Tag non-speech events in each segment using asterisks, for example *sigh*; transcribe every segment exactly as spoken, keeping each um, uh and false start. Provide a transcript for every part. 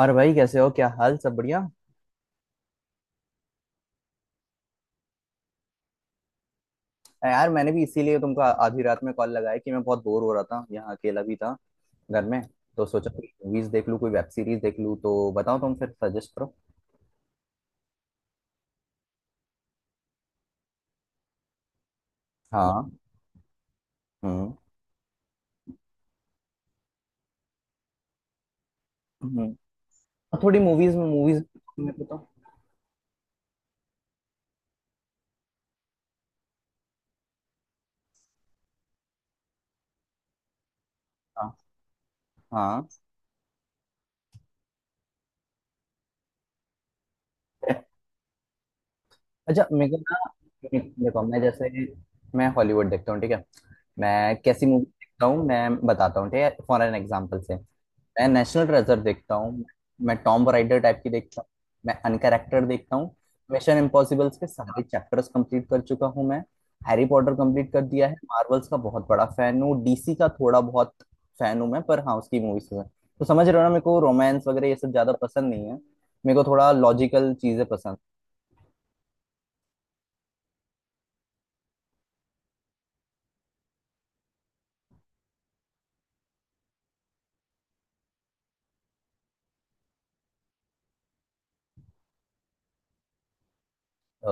और भाई, कैसे हो? क्या हाल? सब बढ़िया? अ, यार, मैंने भी इसीलिए तुमको आ- आधी रात में कॉल लगाया कि मैं बहुत बोर हो रहा था, यहाँ अकेला भी था घर में। तो सोचा कोई मूवीज देख लूँ, कोई वेब सीरीज देख लूँ, तो बताओ, तुम फिर सजेस्ट करो। हाँ। हम्म। हम्म। और थोड़ी मूवीज में मूवीज में बताओ। हाँ, हाँ। अच्छा, मेरे को ना, देखो, मैं जैसे, मैं हॉलीवुड देखता हूँ, ठीक है? मैं कैसी मूवी देखता हूँ मैं बताता हूँ, ठीक है? फॉर एन एग्जाम्पल से, मैं नेशनल ट्रेजर देखता हूँ। मैं टॉम राइडर टाइप की देखता हूँ। मैं अनकैरेक्टर देखता हूँ। मिशन इम्पॉसिबल्स के सारे चैप्टर्स कंप्लीट कर चुका हूँ मैं। हैरी पॉटर कंप्लीट कर दिया है। मार्वल्स का बहुत बड़ा फैन हूँ, डीसी का थोड़ा बहुत फैन हूँ मैं, पर हाँ, उसकी मूवीज का। तो समझ रहे हो ना, मेरे को रोमांस वगैरह ये सब ज्यादा पसंद नहीं है, मेरे को थोड़ा लॉजिकल चीजें पसंद।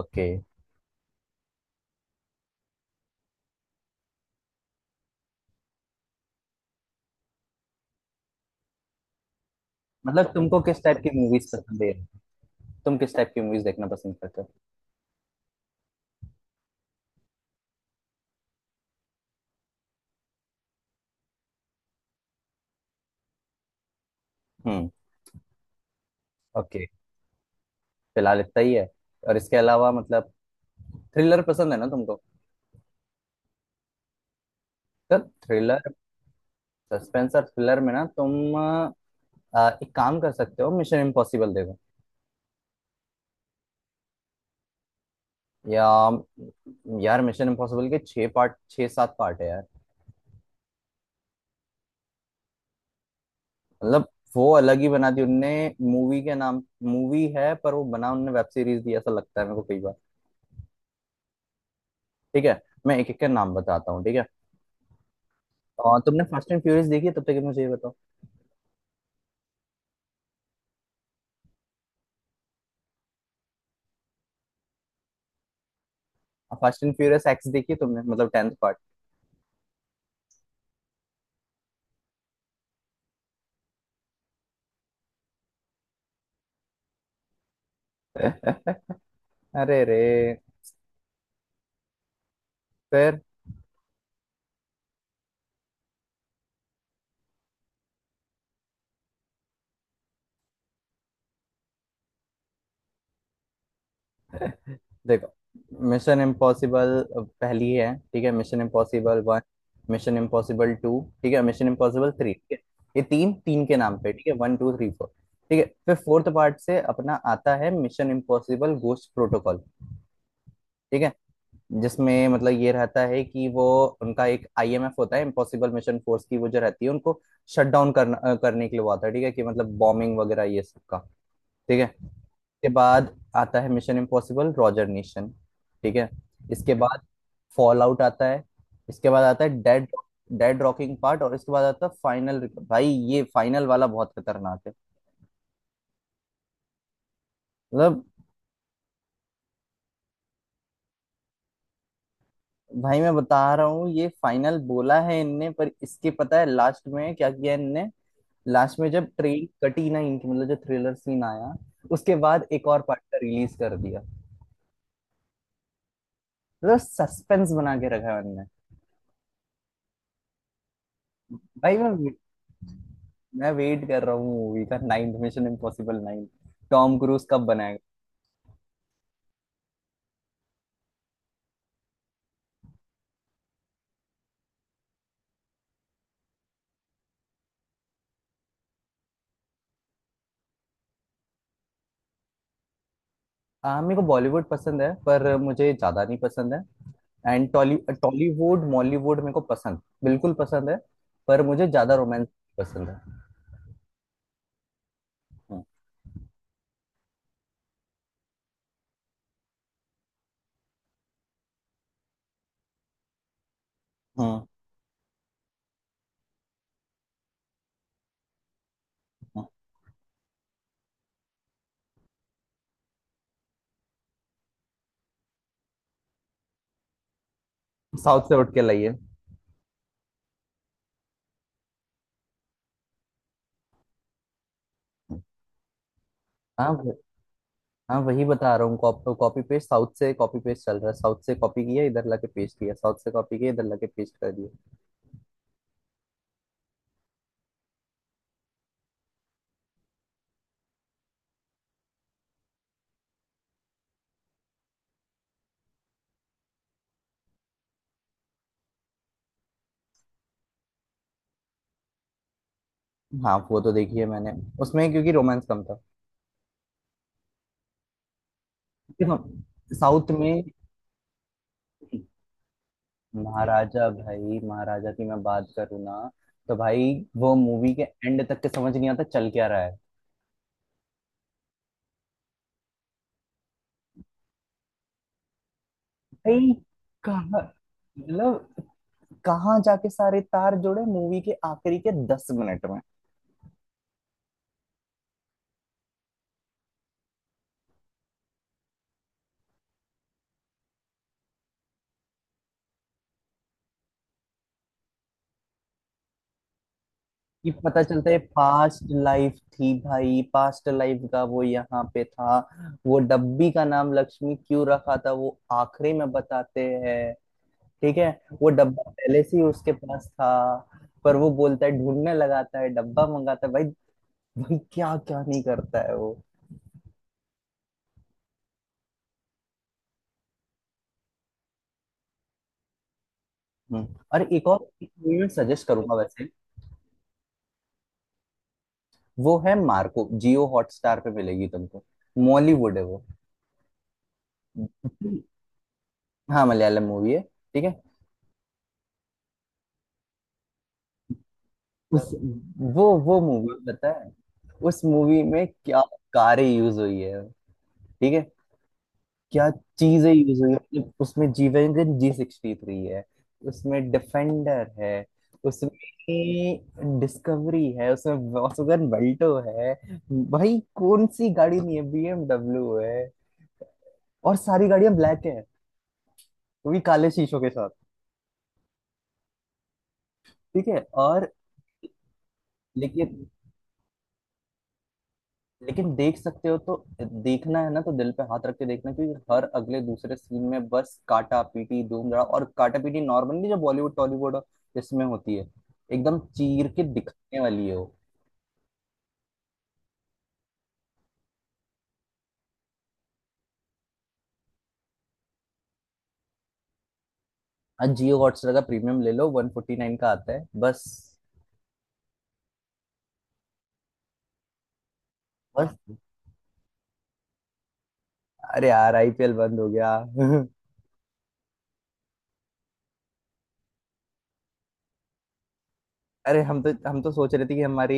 ओके। मतलब तुमको किस टाइप की मूवीज पसंद है? तुम किस टाइप की मूवीज देखना पसंद करते हो? हम्म। ओके। फिलहाल इतना ही है? और इसके अलावा मतलब, थ्रिलर पसंद है ना तुमको? तो थ्रिलर, सस्पेंस और थ्रिलर में ना तुम अ, एक काम कर सकते हो, मिशन इम्पॉसिबल देखो। या यार, मिशन इम्पॉसिबल के छः पार्ट, छः सात पार्ट है यार। मतलब वो अलग ही बना दी उनने। मूवी के नाम मूवी है पर वो बना उनने वेब सीरीज, दिया ऐसा लगता है मेरे को कई बार। ठीक है, मैं एक एक का नाम बताता हूँ, ठीक है? और तुमने फास्ट एंड फ्यूरियस देखी है? तब तक ये मुझे ये बताओ। फास्ट एंड फ्यूरियस एक्स देखी है तुमने? मतलब टेंथ पार्ट। *laughs* अरे रे। फिर देखो, मिशन इम्पॉसिबल पहली है, ठीक है? Mission impossible one, mission impossible two, ठीक है, मिशन इम्पॉसिबल थ्री, ठीक है? ये तीन तीन के नाम पे, ठीक है, वन टू थ्री फोर। ठीक है, फिर फोर्थ पार्ट से अपना आता है मिशन इम्पॉसिबल गोस्ट प्रोटोकॉल, ठीक है? जिसमें मतलब ये रहता है कि वो, उनका एक आईएमएफ होता है, इम्पॉसिबल मिशन फोर्स, की वो जो रहती है, उनको शट डाउन करना, करने के लिए वो आता है, ठीक है, कि मतलब बॉम्बिंग वगैरह ये सब का, ठीक है। इसके बाद आता है मिशन इम्पॉसिबल रॉजर नेशन, ठीक है। इसके बाद फॉल आउट आता है। इसके बाद आता है डेड, डेड रॉकिंग पार्ट, और इसके बाद आता है फाइनल। भाई, ये फाइनल वाला बहुत खतरनाक है, मतलब। भाई मैं बता रहा हूँ, ये फाइनल बोला है इनने, पर इसके पता है लास्ट में क्या किया इनने? लास्ट में जब ट्रेन कटी ना इनकी, मतलब जो थ्रिलर सीन आया, उसके बाद एक और पार्ट का रिलीज कर दिया। मतलब सस्पेंस बना के रखा है इनने। भाई मैं मैं वेट कर रहा हूँ मूवी का, ninth, mission impossible nine, Tom Cruise कब बनाएगा। हाँ, मेरे को बॉलीवुड पसंद है पर मुझे ज्यादा नहीं पसंद है। एंड टॉली, टॉलीवुड मॉलीवुड मेरे को पसंद, बिल्कुल पसंद है, पर मुझे ज्यादा रोमांस पसंद है। हम्म, हम्म, हम्म। साउथ से उठ के लाइए। हाँ व- हाँ वही बता रहा हूँ, कॉपी पेस्ट, साउथ से कॉपी पेस्ट चल रहा है, साउथ से कॉपी किया इधर लाके पेस्ट किया, साउथ से कॉपी किया इधर लाके पेस्ट कर दिया। हाँ, वो तो देखी है मैंने, उसमें क्योंकि रोमांस कम था। देखो, साउथ में, महाराजा, भाई महाराजा की मैं बात करूँ ना, तो भाई वो मूवी के एंड तक के समझ नहीं आता चल क्या रहा है। भाई, कहाँ, मतलब कहाँ जाके सारे तार जुड़े मूवी के आखिरी के दस मिनट में। ये पता चलता है पास्ट लाइफ थी भाई, पास्ट लाइफ का वो यहाँ पे था। वो डब्बी का नाम लक्ष्मी क्यों रखा था वो आखिरी में बताते हैं, ठीक है? वो डब्बा पहले से ही उसके पास था, पर वो बोलता है, ढूंढने लगाता है, डब्बा मंगाता है भाई। *laughs* क्या क्या नहीं करता है वो। हम्म। अरे एक और, एक मूवी मैं सजेस्ट करूंगा वैसे। वो है मार्को, जियो हॉटस्टार पे मिलेगी तुमको। मॉलीवुड है वो। हाँ, मलयालम मूवी है, ठीक है? उस वो वो मूवी पता है, उस मूवी में क्या कारें यूज हुई है, ठीक है, क्या चीजें यूज हुई हैं? मतलब उसमें G wagon, G sixty three है, उसमें डिफेंडर है, उसमें डिस्कवरी है, उसमें वॉल्क्सवैगन बेल्टो है। भाई कौन सी गाड़ी नहीं है, बीएमडब्ल्यू है, और सारी गाड़ियां ब्लैक है, वो भी काले शीशों के साथ, ठीक है, और, लेकिन लेकिन देख सकते हो तो, देखना है ना तो दिल पे हाथ रख के देखना, क्योंकि हर अगले दूसरे सीन में बस काटा पीटी, धूम धड़ा, और काटा पीटी। नॉर्मली जो बॉलीवुड टॉलीवुड इसमें होती है, एकदम चीर के दिखाने वाली है वो। हाँ, जियो हॉटस्टार का प्रीमियम ले लो, वन फोर्टी नाइन का आता है बस। बस, अरे यार आईपीएल बंद हो गया। *laughs* अरे हम तो हम तो सोच रहे थे कि हमारी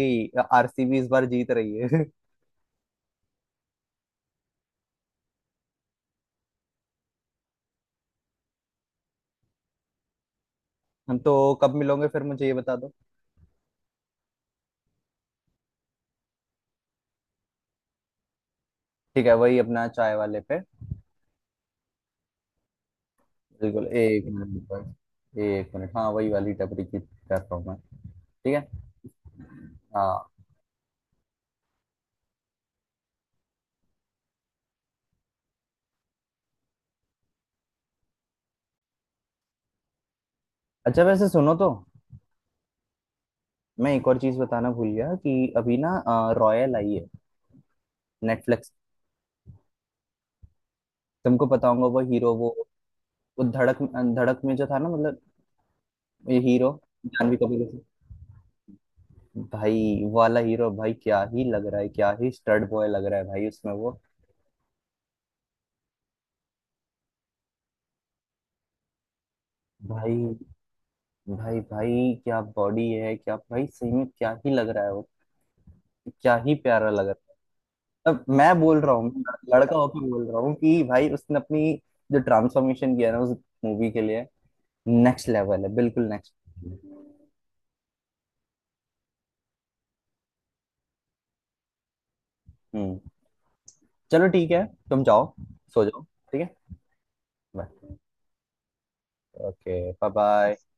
आरसीबी इस बार जीत रही है। *laughs* हम तो, कब मिलोगे फिर मुझे ये बता दो। ठीक है, वही अपना चाय वाले पे। बिल्कुल, एक मिनट बस, एक मिनट। हाँ, वही वाली टपरी की कर रहा हूँ मैं, ठीक है? हाँ। अच्छा वैसे सुनो तो, मैं एक और चीज बताना भूल गया कि अभी ना, रॉयल आई है नेटफ्लिक्स। तुमको पता होगा, वो हीरो, वो वो धड़क, धड़क में जो था ना, मतलब ये हीरो, जानवी कपूर का- भाई, वाला हीरो। भाई क्या ही लग रहा है, क्या ही स्टड बॉय लग रहा है भाई, उसमें वो। भाई, भाई भाई, क्या बॉडी है, क्या भाई, सही में क्या ही लग रहा है वो, क्या ही प्यारा लग रहा है। अब मैं बोल रहा हूँ, लड़का होकर बोल रहा हूँ, कि भाई उसने अपनी जो ट्रांसफॉर्मेशन किया ना उस मूवी के लिए, नेक्स्ट लेवल है, बिल्कुल नेक्स्ट। हम्म। चलो ठीक है, तुम जाओ, सो जाओ, ठीक है। बाय। Okay, bye bye.